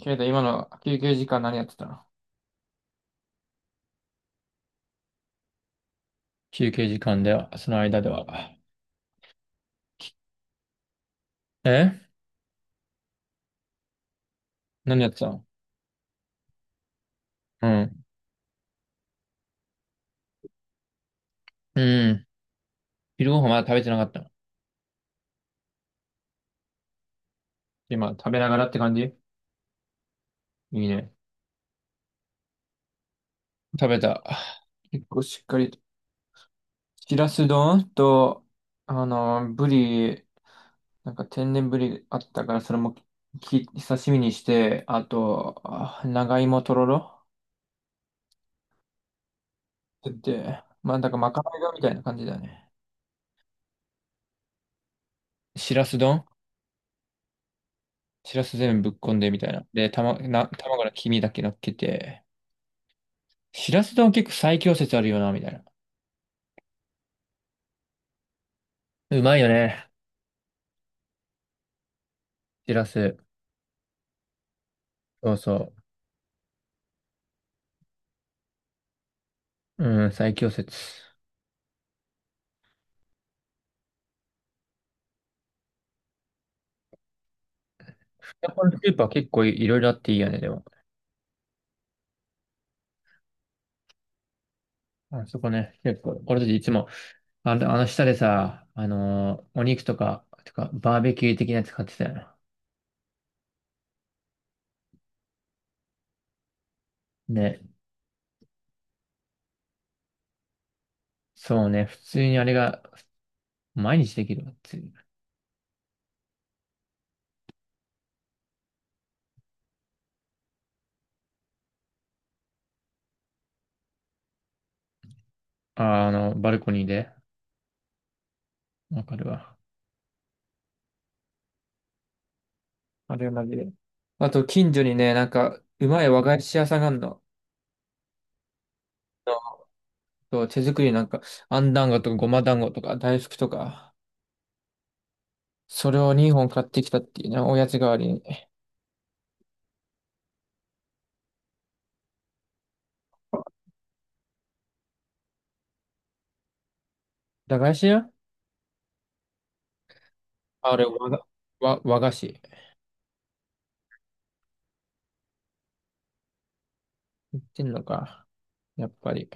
けれど今の休憩時間何やってたの？休憩時間では、その間では。え？何やってたの？うん。うん。昼ご飯まだ食べてなかったの。今、食べながらって感じ？いいね。食べた。結構しっかりと。しらす丼と、ブリ、なんか天然ブリあったから、それも刺身にして、あと、あ長芋とろろって言って、まあ、なんかまかないがみたいな感じだね。しらす丼。しらす全部ぶっこんでみたいな。で、たま、な、卵か黄身だけ乗っけて。しらす丼結構最強説あるよな、みたいな。うまいよね。しらす。そうそう。うん、最強説。ここのスープは結構いろいろあっていいよね、でも。あそこね、結構、俺たちいつも、あの下でさ、お肉とか、バーベキュー的なやつ買ってたよな。ね。そうね、普通にあれが、毎日できるわっていう。あ、あの、バルコニーで。わかるわ。あれマジで。あと、近所にね、なんか、うまい和菓子屋さんがあるの。そう手作りなんか、あん団子とかごま団子とか大福とか、それを2本買ってきたっていうね、おやつ代わりに。駄菓子屋。あれ、和が、和、和菓子。言ってんのか。やっぱり。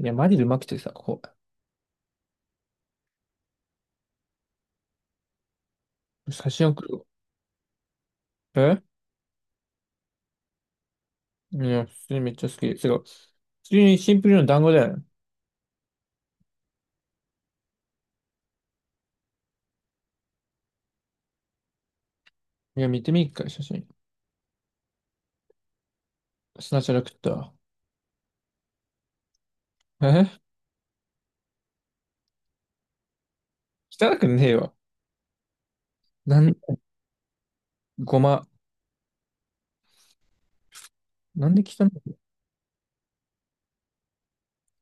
いや、マジでうまくてさ、こう、写真送るよ。え？いや、普通にめっちゃ好き。すごい。普通にシンプルな団子だよね。いや、見てみっか、写真。砂ャラ食ったわ。え？汚くねえよ。なん、ごま、なんで汚いの？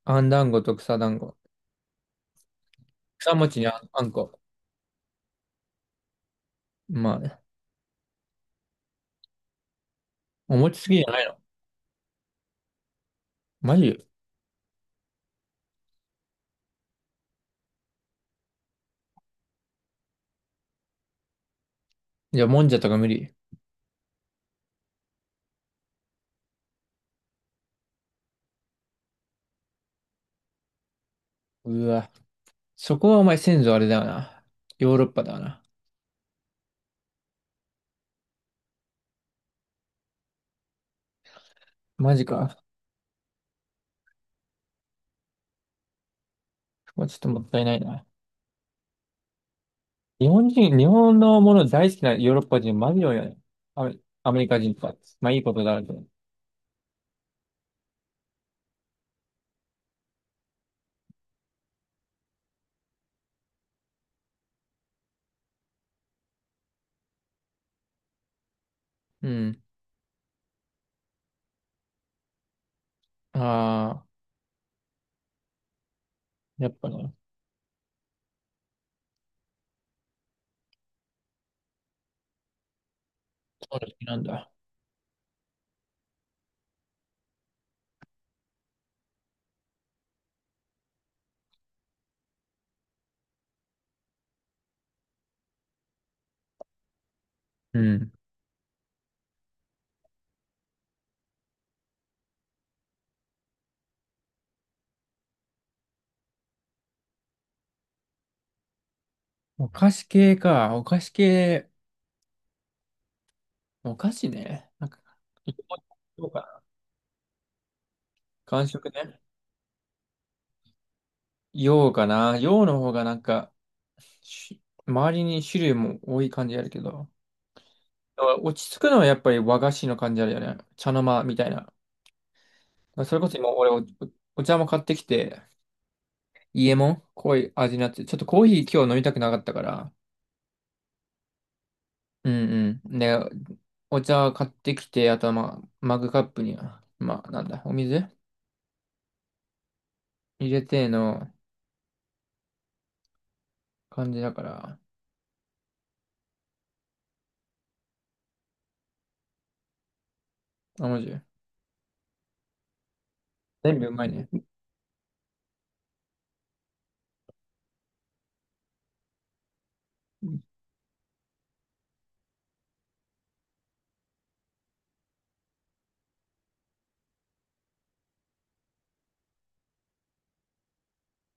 あん団子と草団子。草餅にあんこ。まあ、お餅好きじゃないの。マジ？じゃあ、もんじゃとか無理。うわ。そこはお前先祖あれだよな。ヨーロッパだよな。マジか。そこはちょっともったいないな。日本のもの大好きなヨーロッパ人マジ多いよね。アメ、アメリカ人とか。まあいいことだなと。うん。ああ、やっぱね、そういうの好きなんだ。うん。お菓子系か。お菓子系。お菓子ね。なんか、どうかな。完食ね。洋かな。洋の方がなんか、し周りに種類も多い感じあるけど、落ち着くのはやっぱり和菓子の感じあるよね。茶の間みたいな。それこそ今俺お茶も買ってきて、家も濃い味になって、ちょっとコーヒー今日飲みたくなかったから、うんうん。で、お茶買ってきて、あとはまあ、マグカップには、まあなんだ、お水入れての感じだから、あ、マジ。全部うまいね。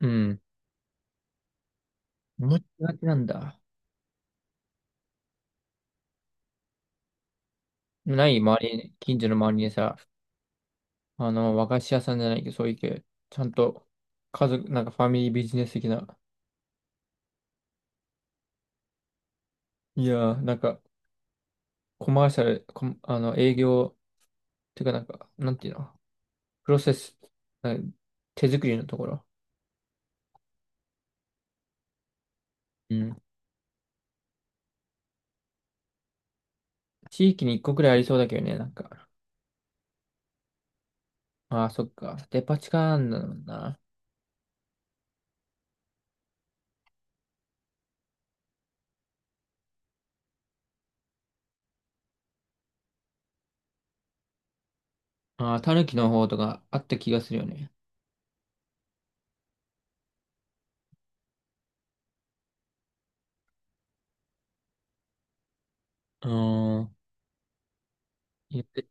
うん。もちがちなんだ。ない、周りに、近所の周りにさ、あの、和菓子屋さんじゃないけど、そういう系、ちゃんと、家族、なんかファミリービジネス的な、いやー、なんか、コマーシャル、コマあの、営業、てかなんか、なんていうの、プロセス、なんか手作りのところ。うん。地域に一個くらいありそうだけどね、なんか。ああ、そっか。デパ地下なんだもんな。ああ、たぬの方とかあった気がするよね。うーん。いやで、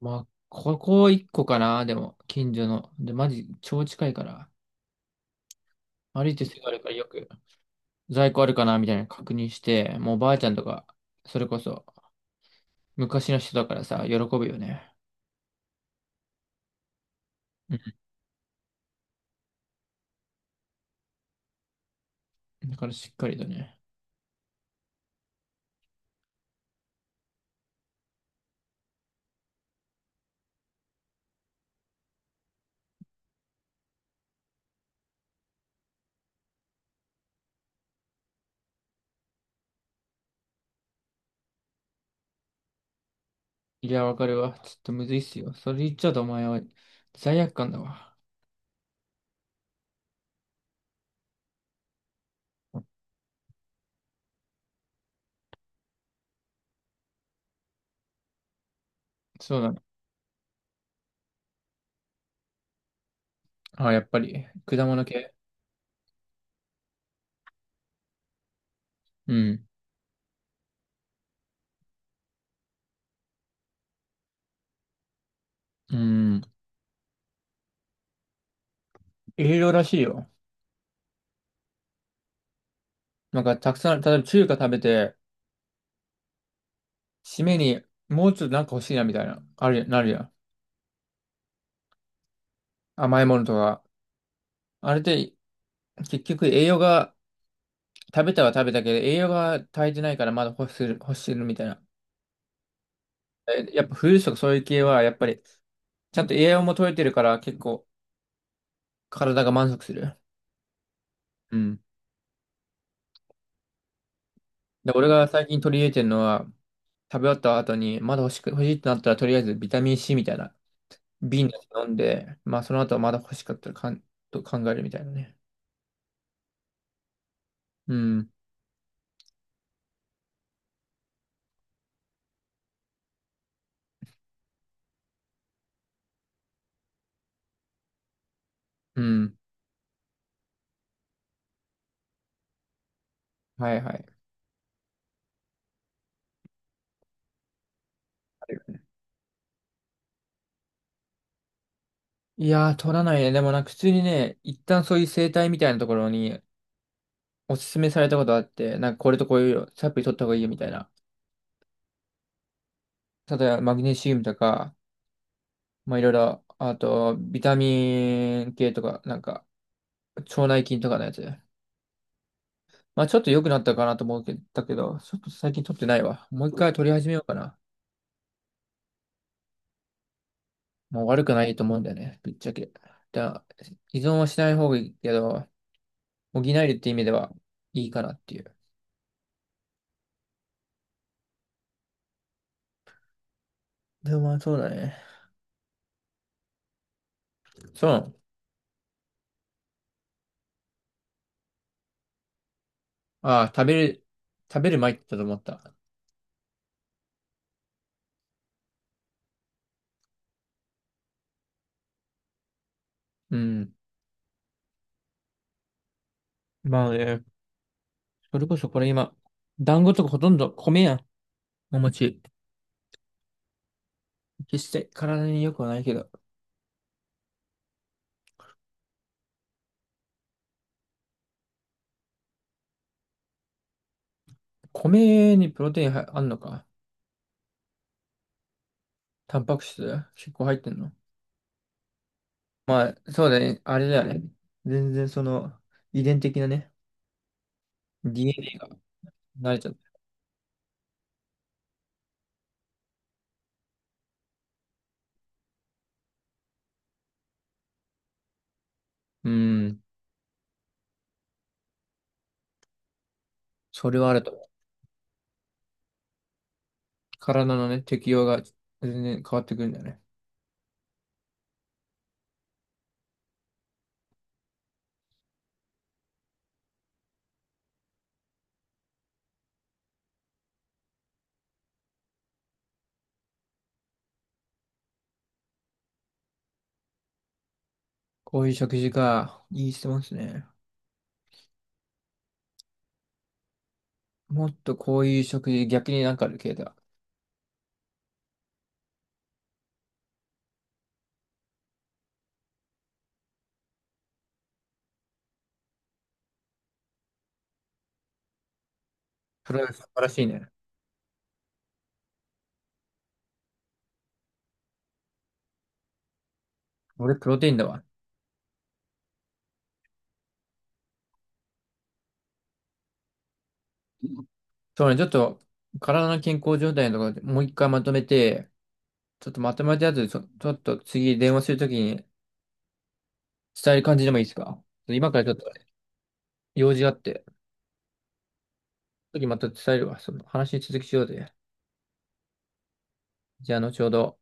まあ、ここ一個かな、でも、近所の。で、マジ、超近いから。歩いてすぐあるからよく在庫あるかなみたいなの確認して、もうばあちゃんとか、それこそ昔の人だからさ、喜ぶよね。うん。だからしっかりとね。いや、わかるわ。ちょっとむずいっすよ。それ言っちゃうとお前は罪悪感だわ。そうだね。あ、やっぱり、果物系。うん。うん。いろいろらしいよ。なんかたくさん、例えば中華食べて、締めにもうちょっとなんか欲しいなみたいな、ある、なるやん。甘いものとか。あれで、結局栄養が食べたは食べたけど、栄養が足りてないからまだ欲してるみたいな。えやっぱフルーツとかそういう系は、やっぱり、ちゃんと栄養も取れてるから結構体が満足する。うん。で、俺が最近取り入れてるのは、食べ終わった後に、まだ欲しいってなったら、とりあえずビタミン C みたいな、瓶のやつ飲んで、まあその後はまだ欲しかったらかん、と考えるみたいなね。うん。うん。はいはい。いやー、取らないね。でもなんか普通にね、一旦そういう生態みたいなところにおすすめされたことあって、なんかこれとこういうサプリ取った方がいいよみたいな。例えばマグネシウムとか、まあいろいろ、あとビタミン系とか、なんか腸内菌とかのやつ。まあちょっと良くなったかなと思うけど、ちょっと最近取ってないわ。もう一回取り始めようかな。もう悪くないと思うんだよね、ぶっちゃけ。だ、依存はしない方がいいけど、補えるって意味ではいいかなっていう。でもまあそうだね。そう。ああ、食べる前って言ったと思った。うん。まあね。それこそこれ今、団子とかほとんど米やん。お餅。決して体に良くはないけど。米にプロテインはあんのか？タンパク質結構入ってんの？まあ、そうだね。あれだよね。全然その、遺伝的なね、DNA が慣れちゃった。うん。それはあると思う。体のね、適応が全然変わってくるんだよね。こういう食事か。いい質問ですね。もっとこういう食事、逆になんかある系だ。プロテイン素晴らしいね。俺、プロテインだわ。そうね、ちょっと体の健康状態のところでもう一回まとめて、ちょっとまとめたやつ、ちょっと次電話するときに伝える感じでもいいですか？今からちょっと用事があって、次また伝えるわ。その話続きしようぜ。じゃあ後ほど。